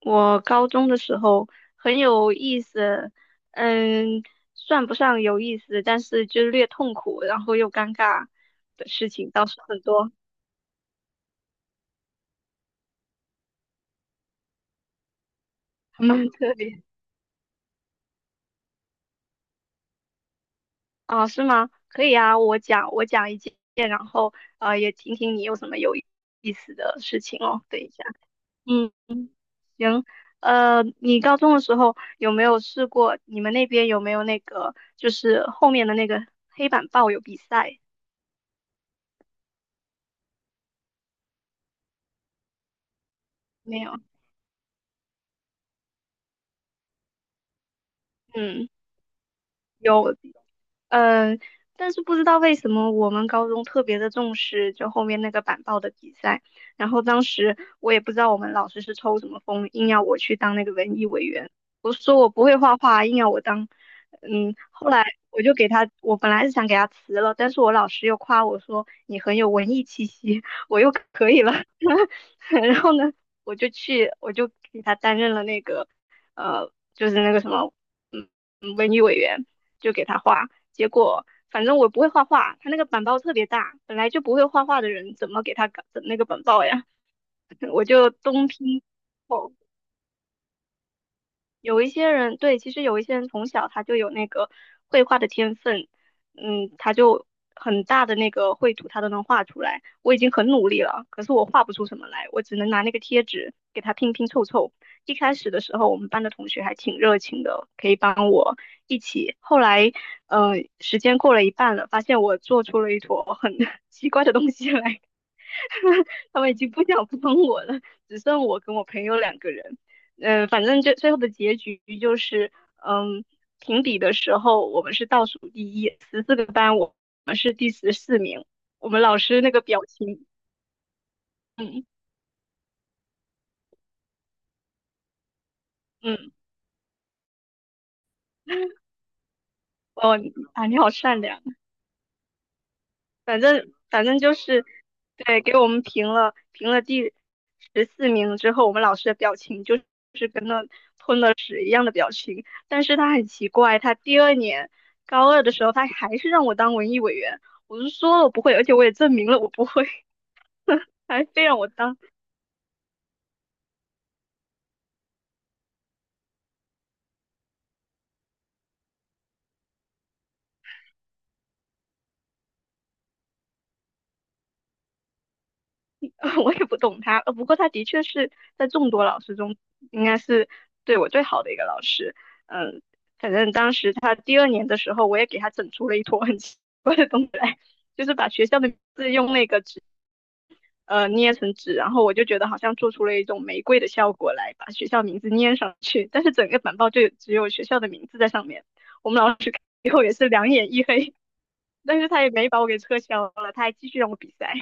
我高中的时候很有意思，嗯，算不上有意思，但是就略痛苦，然后又尴尬的事情倒是很多，还蛮特别啊，是吗？可以啊，我讲一件，然后也听听你有什么有意思的事情哦。等一下，嗯，行，你高中的时候有没有试过？你们那边有没有那个就是后面的那个黑板报有比赛？没有，嗯。有，嗯，但是不知道为什么我们高中特别的重视就后面那个板报的比赛，然后当时我也不知道我们老师是抽什么风，硬要我去当那个文艺委员。我说我不会画画啊，硬要我当，后来我本来是想给他辞了，但是我老师又夸我说你很有文艺气息，我又可以了，然后呢，我就给他担任了那个，就是那个什么。文娱委员，就给他画。结果反正我不会画画，他那个板报特别大，本来就不会画画的人怎么给他搞整那个板报呀？我就东拼西凑。有一些人，对，其实有一些人从小他就有那个绘画的天分，他就很大的那个绘图他都能画出来。我已经很努力了，可是我画不出什么来，我只能拿那个贴纸给他拼拼凑凑。一开始的时候，我们班的同学还挺热情的，可以帮我一起。后来，时间过了一半了，发现我做出了一坨很 奇怪的东西来，他们已经不想帮我了，只剩我跟我朋友两个人。反正最后的结局就是，嗯，评比的时候我们是倒数第一，14个班我们是第十四名。我们老师那个表情，嗯嗯，哦啊，你好善良。反正就是，对，给我们评了第十四名之后，我们老师的表情就是跟那吞了屎一样的表情。但是他很奇怪，他第二年高二的时候，他还是让我当文艺委员。我就说了我不会，而且我也证明了我不会，还非让我当。我也不懂他，不过他的确是在众多老师中，应该是对我最好的一个老师。嗯，反正当时他第二年的时候，我也给他整出了一坨很奇怪的东西来，就是把学校的名字用那个纸捏成纸，然后我就觉得好像做出了一种玫瑰的效果来，把学校名字捏上去，但是整个板报就只有学校的名字在上面。我们老师看以后也是两眼一黑，但是他也没把我给撤销了，他还继续让我比赛。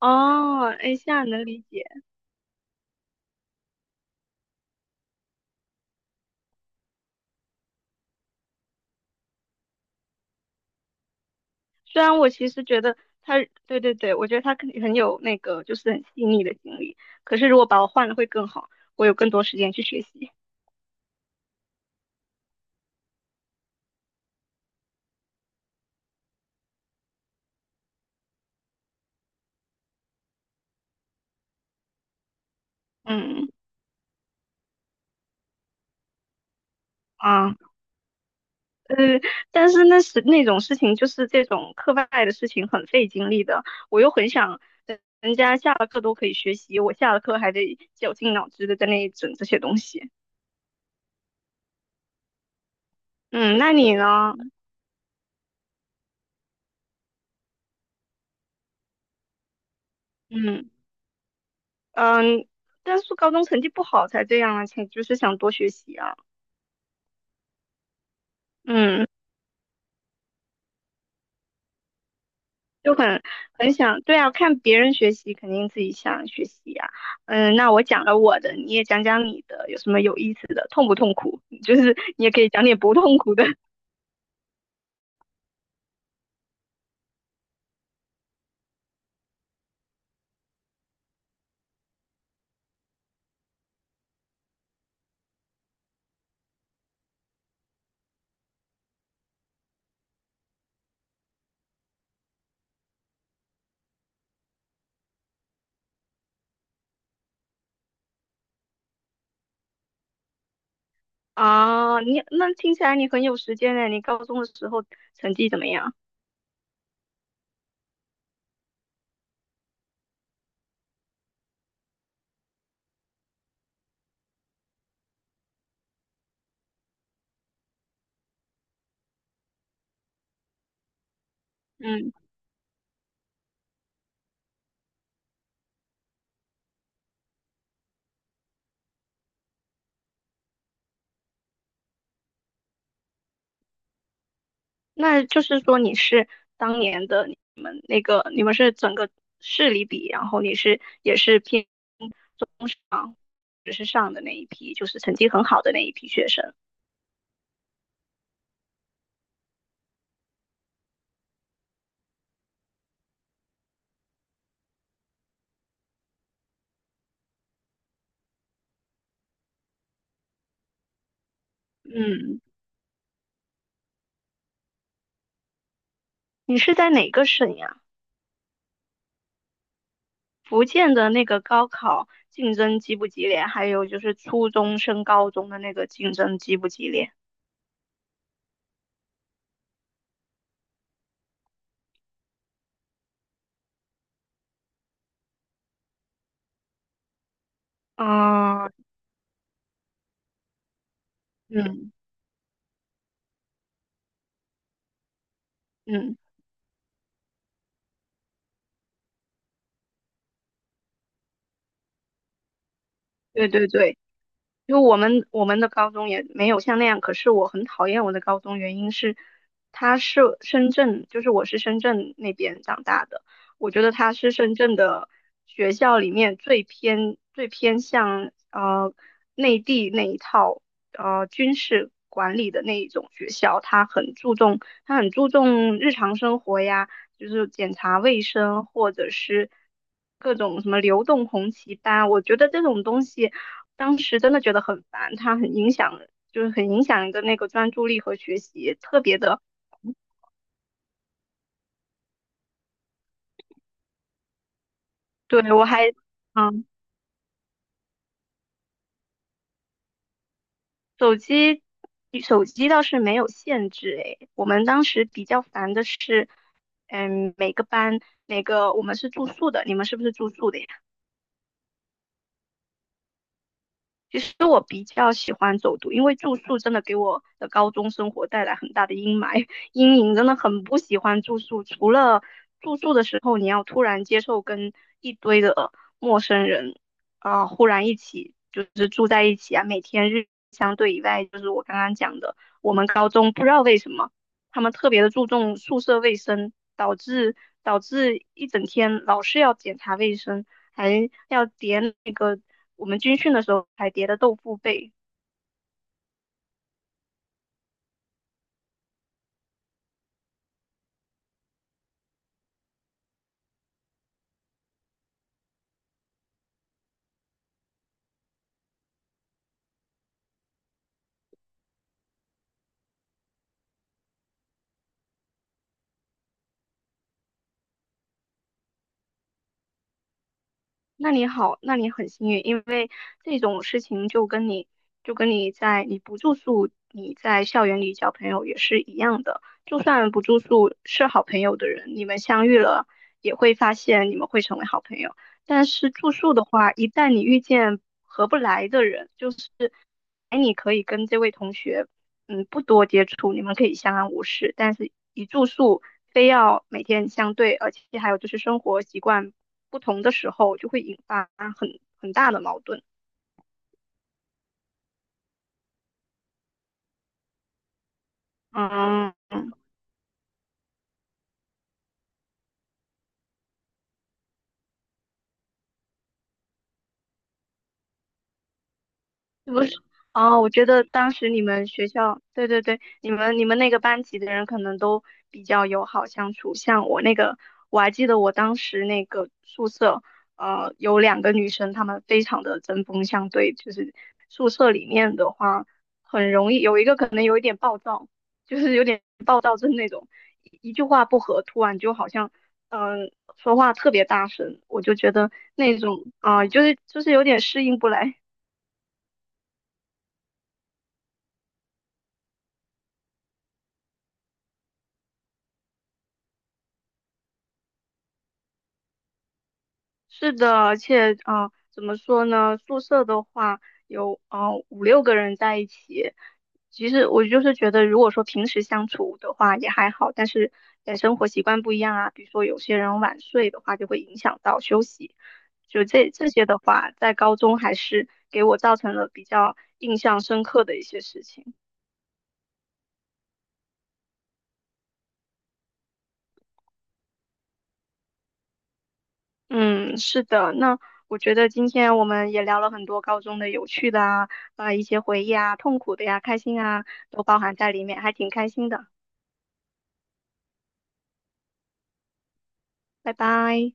哦，哎，现在能理解。虽然我其实觉得他，对对对，我觉得他肯定很有那个，就是很细腻的经历。可是如果把我换了会更好，我有更多时间去学习。嗯啊，呃，但是那是那种事情，就是这种课外的事情很费精力的。我又很想人家下了课都可以学习，我下了课还得绞尽脑汁的在那里整这些东西。嗯，那你呢？嗯嗯，但是高中成绩不好才这样啊，才就是想多学习啊。嗯。就很想，对啊，看别人学习，肯定自己想学习呀、那我讲了我的，你也讲讲你的，有什么有意思的，痛不痛苦？就是你也可以讲点不痛苦的 啊。你那听起来你很有时间呢，你高中的时候成绩怎么样？嗯，那就是说你是当年的你们那个，你们是整个市里比，然后你是也是偏中上，只是上的那一批，就是成绩很好的那一批学生。嗯。你是在哪个省呀？福建的那个高考竞争激不激烈？还有就是初中升高中的那个竞争激不激烈？啊，嗯嗯，对对对，就我们的高中也没有像那样，可是我很讨厌我的高中，原因是它是深圳，就是我是深圳那边长大的，我觉得它是深圳的学校里面最偏向内地那一套军事管理的那一种学校，它很注重日常生活呀，就是检查卫生或者是各种什么流动红旗班，我觉得这种东西。当时真的觉得很烦，它很影响，就是很影响人的那个专注力和学习，特别的。对，嗯，手机，手机倒是没有限制，诶，我们当时比较烦的是，每个班，每个，我们是住宿的，你们是不是住宿的呀？其实我比较喜欢走读，因为住宿真的给我的高中生活带来很大的阴霾 阴影，真的很不喜欢住宿。除了住宿的时候，你要突然接受跟一堆的陌生人啊、忽然一起就是住在一起啊，每天日相对以外，就是我刚刚讲的，我们高中不知道为什么他们特别的注重宿舍卫生，导致一整天老是要检查卫生，还要点那个。我们军训的时候还叠的豆腐被。那你好，那你很幸运，因为这种事情就跟你在你不住宿，你在校园里交朋友也是一样的。就算不住宿是好朋友的人，你们相遇了也会发现你们会成为好朋友。但是住宿的话，一旦你遇见合不来的人，就是哎，你可以跟这位同学不多接触，你们可以相安无事，但是一住宿非要每天相对，而且还有就是生活习惯不同的时候，就会引发很大的矛盾。嗯，不是啊，我觉得当时你们学校，对对对，你们那个班级的人可能都比较友好相处。像我那个，我还记得我当时那个宿舍，有两个女生，她们非常的针锋相对。就是宿舍里面的话，很容易有一个可能有一点暴躁，就是有点暴躁症那种，一句话不合，突然就好像嗯、呃说话特别大声，我就觉得那种啊、就是有点适应不来。是的，而且啊、怎么说呢？宿舍的话有啊、五六个人在一起，其实我就是觉得，如果说平时相处的话也还好，但是在生活习惯不一样啊，比如说有些人晚睡的话，就会影响到休息。就这些的话，在高中还是给我造成了比较印象深刻的一些事情。嗯，是的，那我觉得今天我们也聊了很多高中的有趣的啊，啊、一些回忆啊，痛苦的呀，开心啊，都包含在里面，还挺开心的。拜拜。